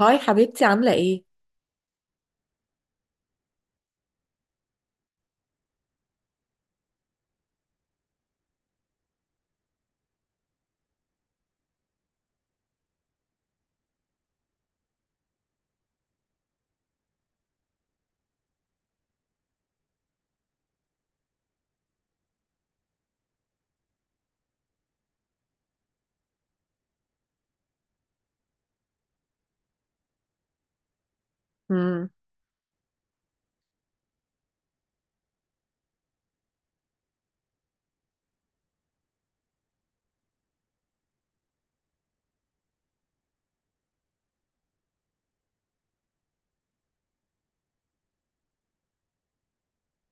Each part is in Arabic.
هاي حبيبتي، عاملة ايه؟ مم.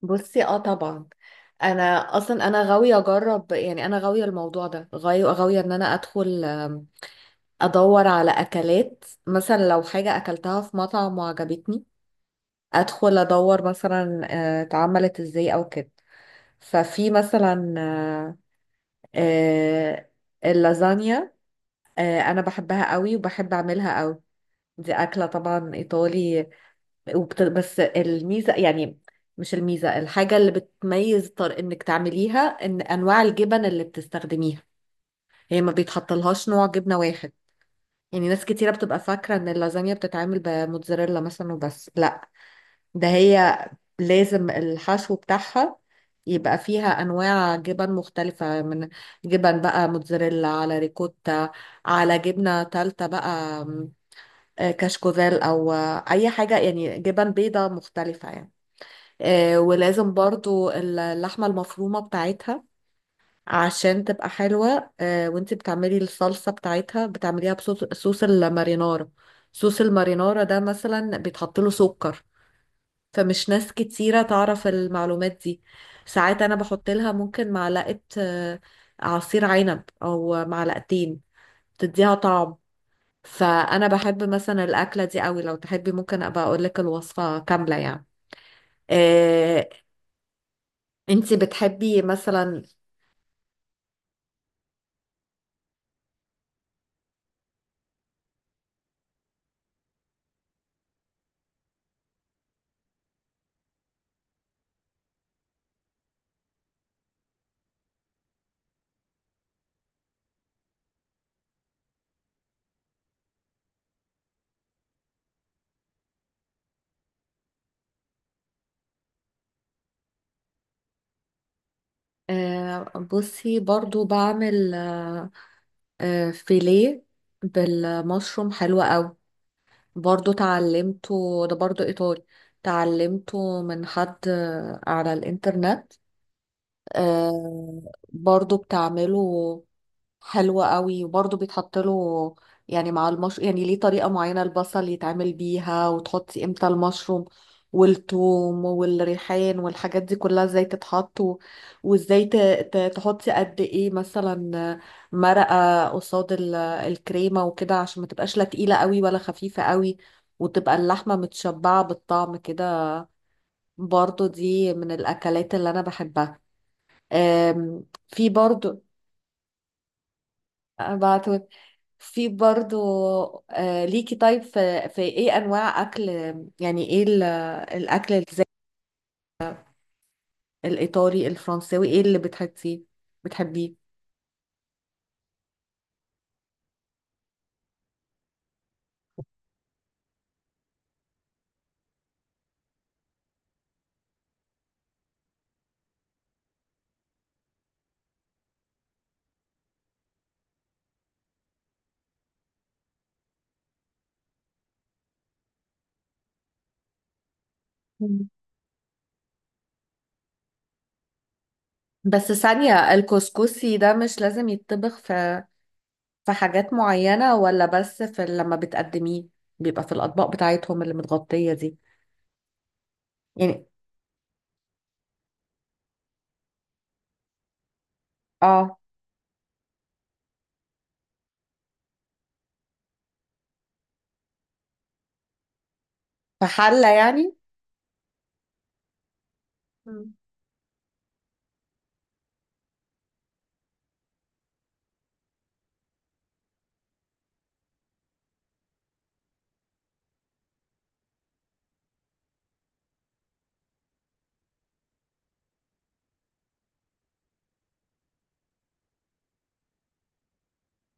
بصي اه طبعا. انا اصلا انا غاوية اجرب، يعني انا غاوية الموضوع ده، غاوية ان انا ادخل ادور على اكلات، مثلا لو حاجة اكلتها في مطعم وعجبتني، ادخل ادور مثلا اتعملت ازاي او كده. ففي مثلا آه، اللازانيا، انا بحبها قوي وبحب اعملها قوي. دي اكلة طبعا ايطالي. بس الميزة، يعني مش الميزة، الحاجة اللي بتميز طر انك تعمليها ان انواع الجبن اللي بتستخدميها، هي ما بيتحطلهاش نوع جبنة واحد. يعني ناس كتيرة بتبقى فاكرة ان اللازانيا بتتعمل بموتزاريلا مثلا وبس، لا. ده هي لازم الحشو بتاعها يبقى فيها انواع جبن مختلفة، من جبن بقى موتزاريلا على ريكوتا على جبنة تالتة بقى، آم، آه، كشكوزيل، او اي حاجة يعني جبن بيضة مختلفة يعني. ولازم برضو اللحمة المفرومة بتاعتها عشان تبقى حلوة. وانتي بتعملي الصلصة بتاعتها بتعمليها بصوص المارينارا. صوص المارينارا ده مثلا بيتحط له سكر، فمش ناس كتيرة تعرف المعلومات دي. ساعات انا بحط لها ممكن معلقة عصير عنب او معلقتين، تديها طعم. فانا بحب مثلا الاكلة دي قوي. لو تحبي ممكن ابقى اقول لك الوصفة كاملة يعني. آه، انتي بتحبي مثلا. آه، بصي برضو بعمل فيليه بالمشروم، حلو قوي. برضو تعلمته، ده برضو ايطالي، تعلمته من حد على الانترنت. آه، برضو بتعمله حلوة قوي، وبرضه بيتحط له، يعني مع المشروم يعني، ليه طريقة معينة البصل يتعمل بيها، وتحطي امتى المشروم والثوم والريحان، والحاجات دي كلها ازاي تتحط وازاي تحطي قد ايه مثلا مرقة قصاد الكريمة وكده، عشان ما تبقاش لا تقيلة قوي ولا خفيفة قوي، وتبقى اللحمة متشبعة بالطعم كده. برضه دي من الأكلات اللي أنا بحبها. في برضه. ابعته. في برضو ليكي. طيب في، ايه انواع اكل، يعني ايه الاكل الزي الايطالي الفرنساوي، ايه اللي بتحبيه بتحبيه؟ مم. بس ثانية، الكسكسي ده مش لازم يتطبخ في في حاجات معينة، ولا بس في لما بتقدميه بيبقى في الأطباق بتاعتهم اللي متغطية دي يعني؟ اه، في حلة يعني. مم.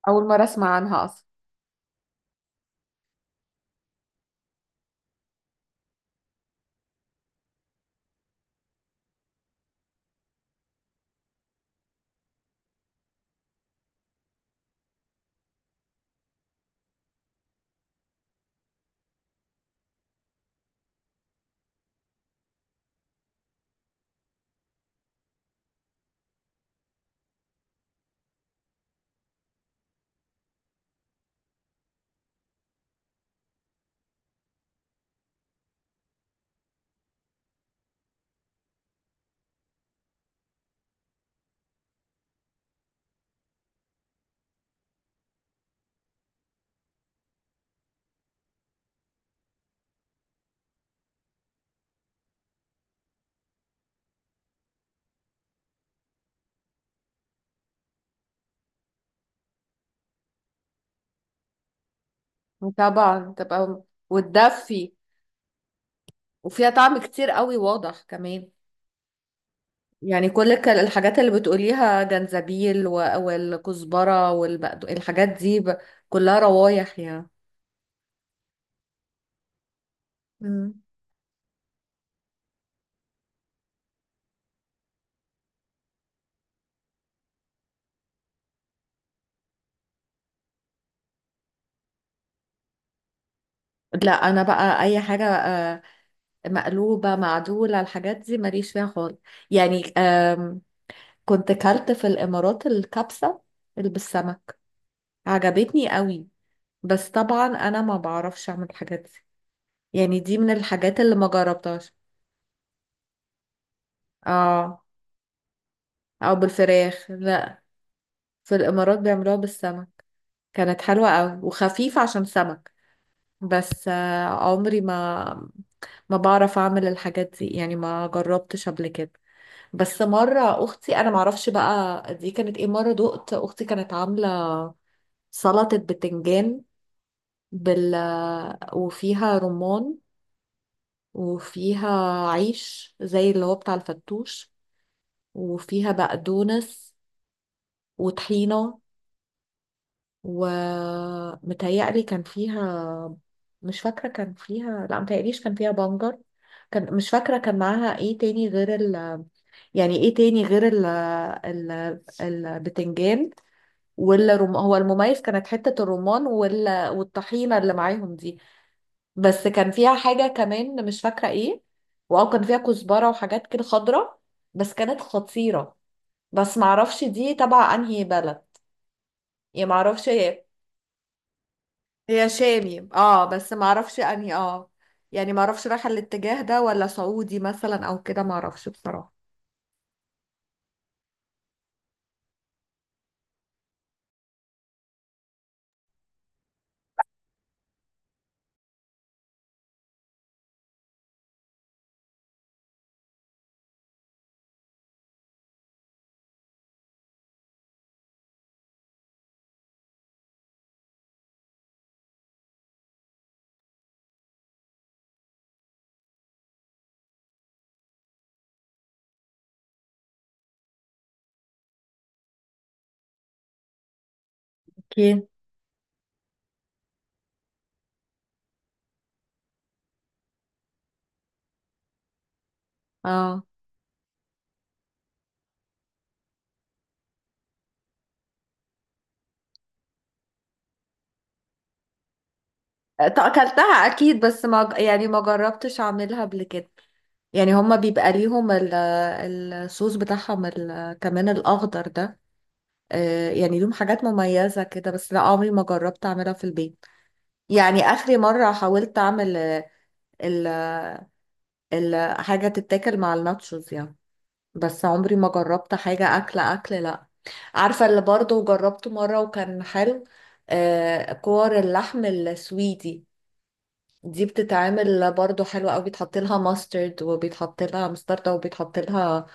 أول مرة أسمع عنها أصلا. طبعا تبقى وتدفي، وفيها طعم كتير قوي واضح كمان، يعني كل الحاجات اللي بتقوليها، جنزبيل والكزبرة والبقدونس، الحاجات دي كلها روايح يعني. مم. لا انا بقى اي حاجة، مقلوبة معدولة، الحاجات دي ماليش فيها خالص يعني. كنت كلت في الامارات الكبسة اللي بالسمك، عجبتني قوي. بس طبعا انا ما بعرفش اعمل الحاجات دي، يعني دي من الحاجات اللي ما جربتهاش. اه، او بالفراخ، لا، في الإمارات بيعملوها بالسمك. كانت حلوة قوي وخفيفة عشان سمك. بس عمري ما، ما بعرف أعمل الحاجات دي يعني، ما جربتش قبل كده. بس مرة أختي، أنا معرفش بقى دي كانت إيه، مرة دقت أختي كانت عاملة سلطة بتنجان بال، وفيها رمان، وفيها عيش زي اللي هو بتاع الفتوش، وفيها بقدونس وطحينة، ومتهيألي كان فيها، مش فاكرة كان فيها، لا متهيأليش كان فيها بنجر، كان، مش فاكرة كان معاها ايه تاني غير ال، يعني ايه تاني غير ال، ال، البتنجان والرم هو المميز، كانت حتة الرمان وال... والطحينة اللي معاهم دي. بس كان فيها حاجة كمان مش فاكرة ايه. واو، كان فيها كزبرة وحاجات كده خضرة. بس كانت خطيرة. بس معرفش دي تبع انهي بلد، يعني معرفش. هي شامي اه، بس ما اعرفش انهي، اه يعني ما اعرفش رايحه الاتجاه ده ولا سعودي مثلا او كده، ما اعرفش بصراحه. اوكي. اه اكلتها اكيد، بس ما، يعني ما جربتش اعملها قبل كده. يعني هما بيبقى ليهم الصوص بتاعهم كمان الاخضر ده. يعني ليهم حاجات مميزه كده، بس لا عمري ما جربت اعملها في البيت. يعني اخري مره حاولت اعمل ال ال حاجه تتاكل مع الناتشوز يعني. بس عمري ما جربت حاجة أكل أكل لأ. عارفة اللي برضو جربته مرة وكان حلو؟ آه كور اللحم السويدي. دي بتتعمل برضو حلوة أوي، بيتحط لها ماسترد، وبيتحط لها مستردة، وبيتحط لها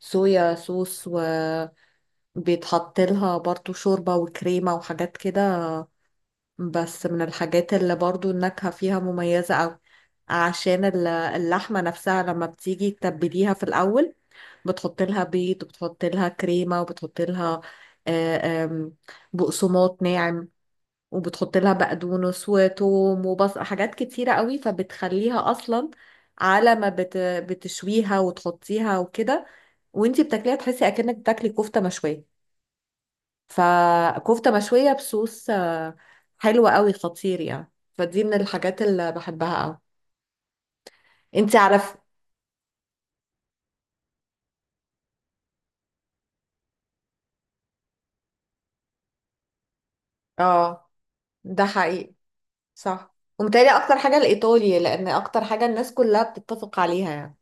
صويا صوص، وبيتحط لها برضو شوربة وكريمة وحاجات كده. بس من الحاجات اللي برضو النكهة فيها مميزة أوي، عشان اللحمة نفسها لما بتيجي تتبليها في الأول، بتحط لها بيض، وبتحط لها كريمة، وبتحط لها آه، آم، بقسماط ناعم، وبتحط لها بقدونس وتوم وبصل، حاجات كتيرة قوي، فبتخليها أصلا على ما بتشويها وتحطيها وكده. وانتي بتاكليها تحسي أكنك بتاكلي كفتة مشوية. فكفتة مشوية بصوص حلوة قوي، خطير يعني، فدي من الحاجات اللي بحبها قوي. انت عارف. اه، ده حقيقي. صح، ومتهيألي اكتر حاجة الايطالي، لان اكتر حاجة الناس كلها بتتفق عليها يعني،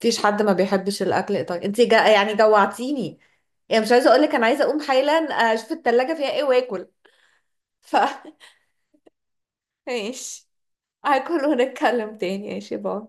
مفيش حد ما بيحبش الاكل الايطالي. انت جا يعني جوعتيني، يعني مش عايزة اقولك انا عايزة اقوم حالا اشوف التلاجة فيها ايه واكل. ف ماشي، هاكل ونتكلم تاني. ماشي، باي.